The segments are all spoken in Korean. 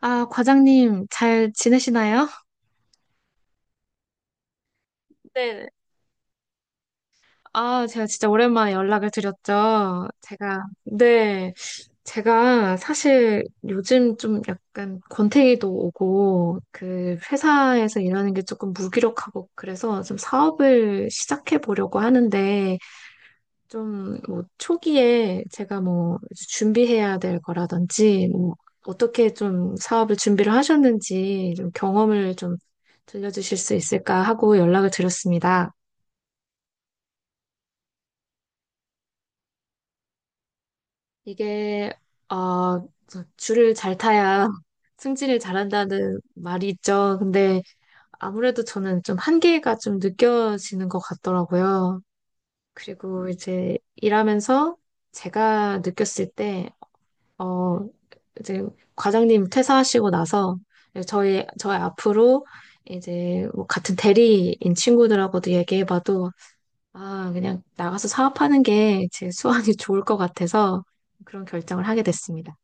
아, 과장님, 잘 지내시나요? 네. 아, 제가 진짜 오랜만에 연락을 드렸죠. 제가, 네. 제가 사실 요즘 좀 약간 권태기도 오고, 그 회사에서 일하는 게 조금 무기력하고, 그래서 좀 사업을 시작해 보려고 하는데, 좀, 뭐, 초기에 제가 뭐, 준비해야 될 거라든지, 뭐, 어떻게 좀 사업을 준비를 하셨는지, 좀 경험을 좀 들려주실 수 있을까 하고 연락을 드렸습니다. 이게, 어, 저 줄을 잘 타야 승진을 잘한다는 말이 있죠. 근데 아무래도 저는 좀 한계가 좀 느껴지는 것 같더라고요. 그리고 이제 일하면서 제가 느꼈을 때, 어, 이제 과장님 퇴사하시고 나서 저희 앞으로 이제 뭐 같은 대리인 친구들하고도 얘기해봐도 아, 그냥 나가서 사업하는 게 제 수완이 좋을 것 같아서 그런 결정을 하게 됐습니다.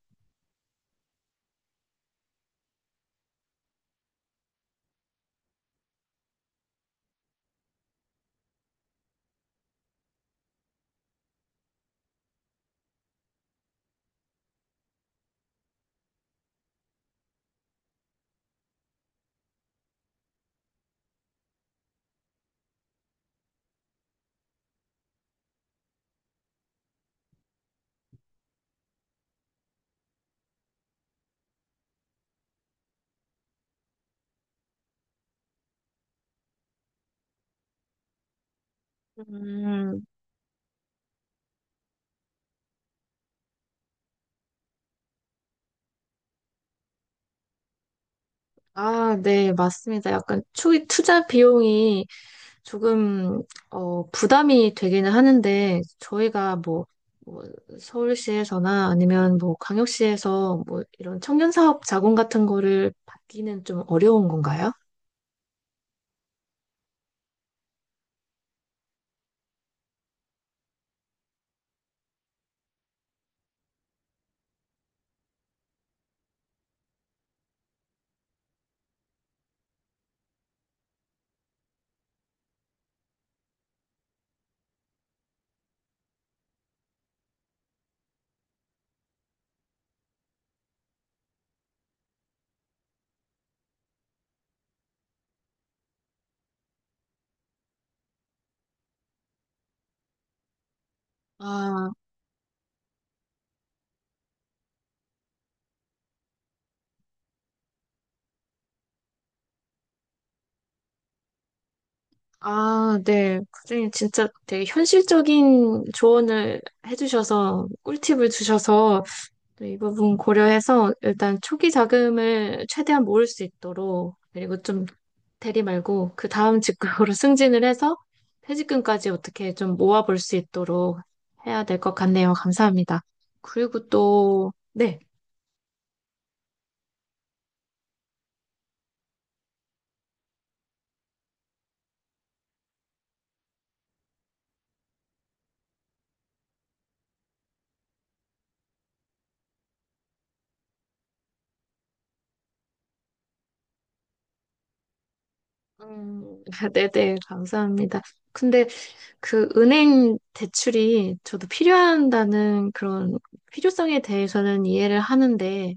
음, 아, 네, 맞습니다. 약간 투자 비용이 조금 부담이 되기는 하는데 저희가 뭐, 뭐 서울시에서나 아니면 뭐 광역시에서 뭐 이런 청년 사업 자금 같은 거를 받기는 좀 어려운 건가요? 아, 아, 네. 선생님 진짜 되게 현실적인 조언을 해주셔서 꿀팁을 주셔서 이 부분 고려해서 일단 초기 자금을 최대한 모을 수 있도록 그리고 좀 대리 말고 그 다음 직급으로 승진을 해서 퇴직금까지 어떻게 좀 모아볼 수 있도록 해야 될 것 같네요. 감사합니다. 그리고 또, 네. 음, 네네, 감사합니다. 근데 그 은행 대출이 저도 필요한다는 그런 필요성에 대해서는 이해를 하는데,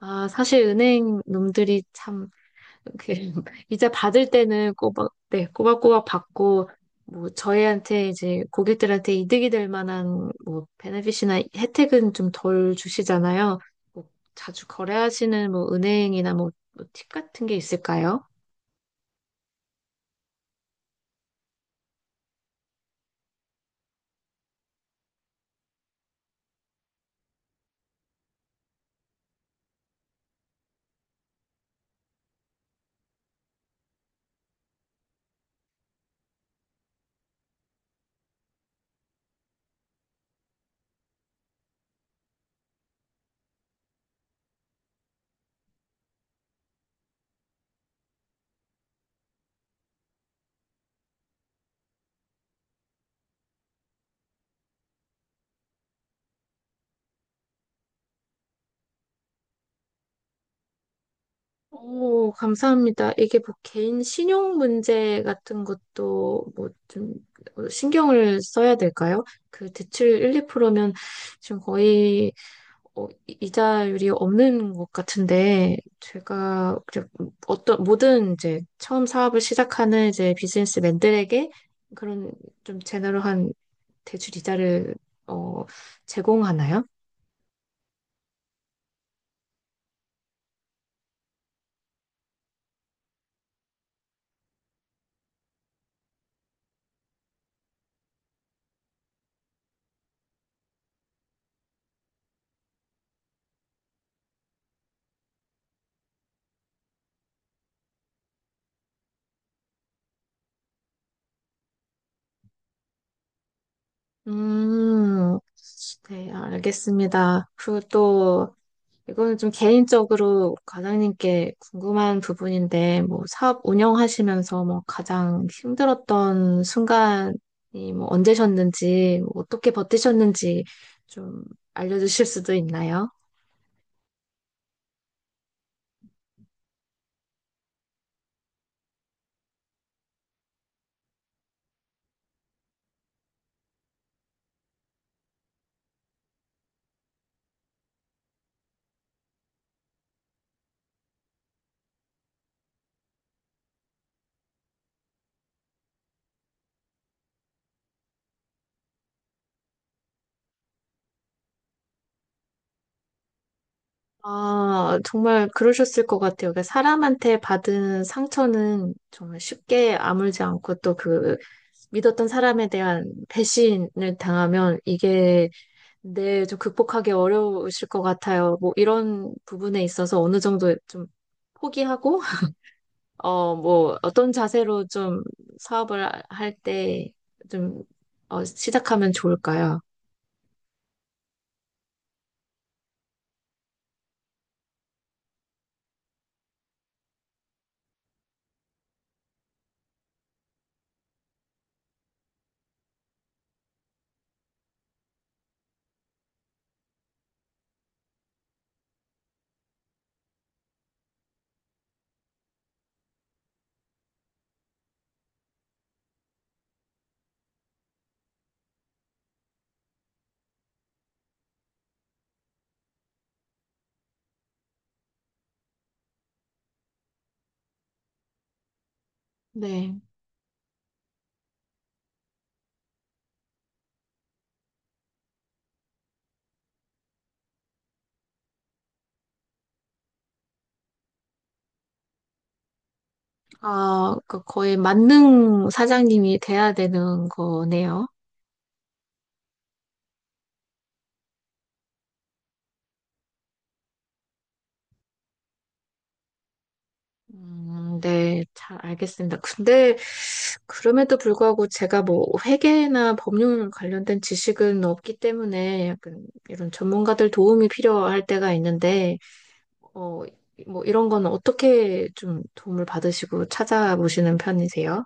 아, 사실 은행 놈들이 참 이 이자 받을 때는 꼬박, 네, 꼬박꼬박 받고, 뭐, 저희한테 이제 고객들한테 이득이 될 만한 뭐, 베네핏이나 혜택은 좀 덜 주시잖아요. 뭐 자주 거래하시는 뭐, 은행이나 뭐, 뭐 팁 같은 게 있을까요? 오, 감사합니다. 이게 뭐 개인 신용 문제 같은 것도 뭐 좀 신경을 써야 될까요? 그 대출 1, 2%면 지금 거의 이자율이 없는 것 같은데, 제가 이제 어떤, 모든 이제 처음 사업을 시작하는 이제 비즈니스맨들에게 그런 좀 제너럴한 대출 이자를, 어, 제공하나요? 음, 네, 알겠습니다. 그리고 또, 이거는 좀 개인적으로 과장님께 궁금한 부분인데, 뭐, 사업 운영하시면서 뭐, 가장 힘들었던 순간이 뭐, 언제셨는지, 뭐 어떻게 버티셨는지 좀 알려주실 수도 있나요? 아, 정말 그러셨을 것 같아요. 그러니까 사람한테 받은 상처는 정말 쉽게 아물지 않고 또 그 믿었던 사람에 대한 배신을 당하면 이게 네, 좀 극복하기 어려우실 것 같아요. 뭐 이런 부분에 있어서 어느 정도 좀 포기하고, 뭐 어떤 자세로 좀 사업을 할 때 좀, 시작하면 좋을까요? 네. 아, 그 거의 만능 사장님이 돼야 되는 거네요. 네, 잘 알겠습니다. 근데 그럼에도 불구하고 제가 뭐 회계나 법률 관련된 지식은 없기 때문에 약간 이런 전문가들 도움이 필요할 때가 있는데, 어, 뭐 이런 거는 어떻게 좀 도움을 받으시고 찾아보시는 편이세요?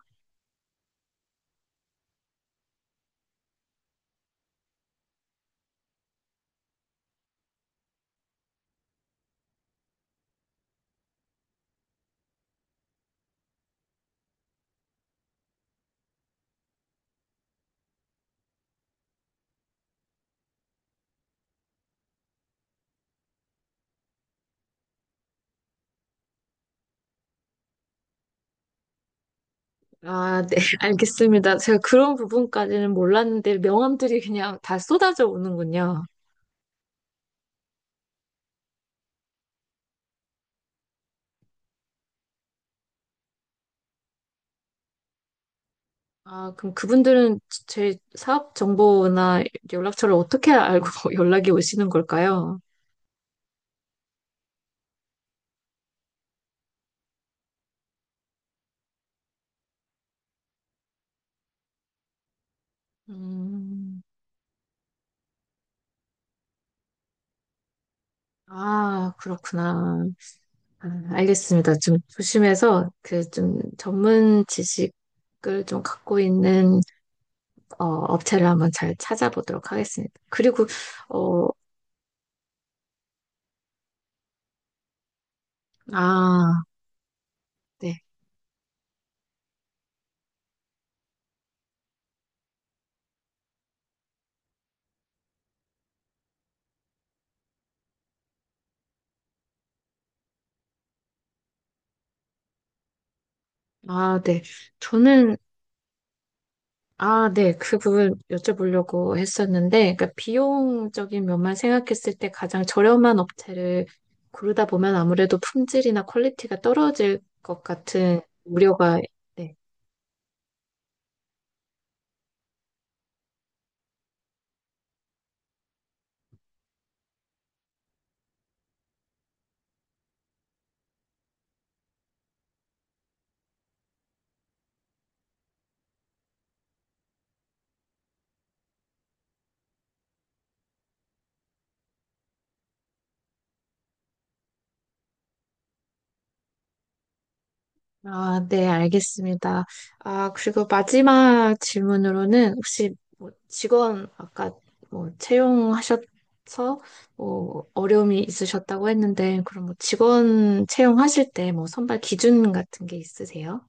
아, 네, 알겠습니다. 제가 그런 부분까지는 몰랐는데 명함들이 그냥 다 쏟아져 오는군요. 아, 그럼 그분들은 제 사업 정보나 연락처를 어떻게 알고 연락이 오시는 걸까요? 음, 아, 그렇구나. 아, 알겠습니다. 좀 조심해서 그 좀 전문 지식을 좀 갖고 있는 업체를 한번 잘 찾아보도록 하겠습니다. 그리고 어, 아, 네. 아, 네. 저는 아, 네. 그 부분 여쭤보려고 했었는데, 그러니까 비용적인 면만 생각했을 때 가장 저렴한 업체를 고르다 보면 아무래도 품질이나 퀄리티가 떨어질 것 같은 우려가, 네. 아, 네, 알겠습니다. 아, 그리고 마지막 질문으로는 혹시 뭐 직원 아까 뭐 채용하셔서 뭐 어려움이 있으셨다고 했는데, 그럼 뭐 직원 채용하실 때 뭐 선발 기준 같은 게 있으세요?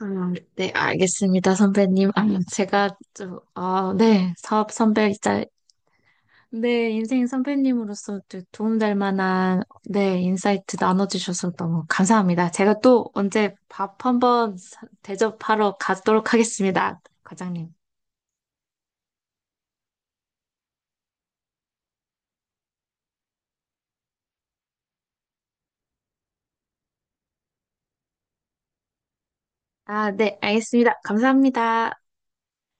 네, 알겠습니다, 선배님. 아, 제가 좀, 아, 네, 사업 선배이자, 네, 인생 선배님으로서 또 도움될 만한, 네, 인사이트 나눠주셔서 너무 감사합니다. 제가 또 언제 밥 한번 대접하러 가도록 하겠습니다, 과장님. 아, 네, 알겠습니다. 감사합니다.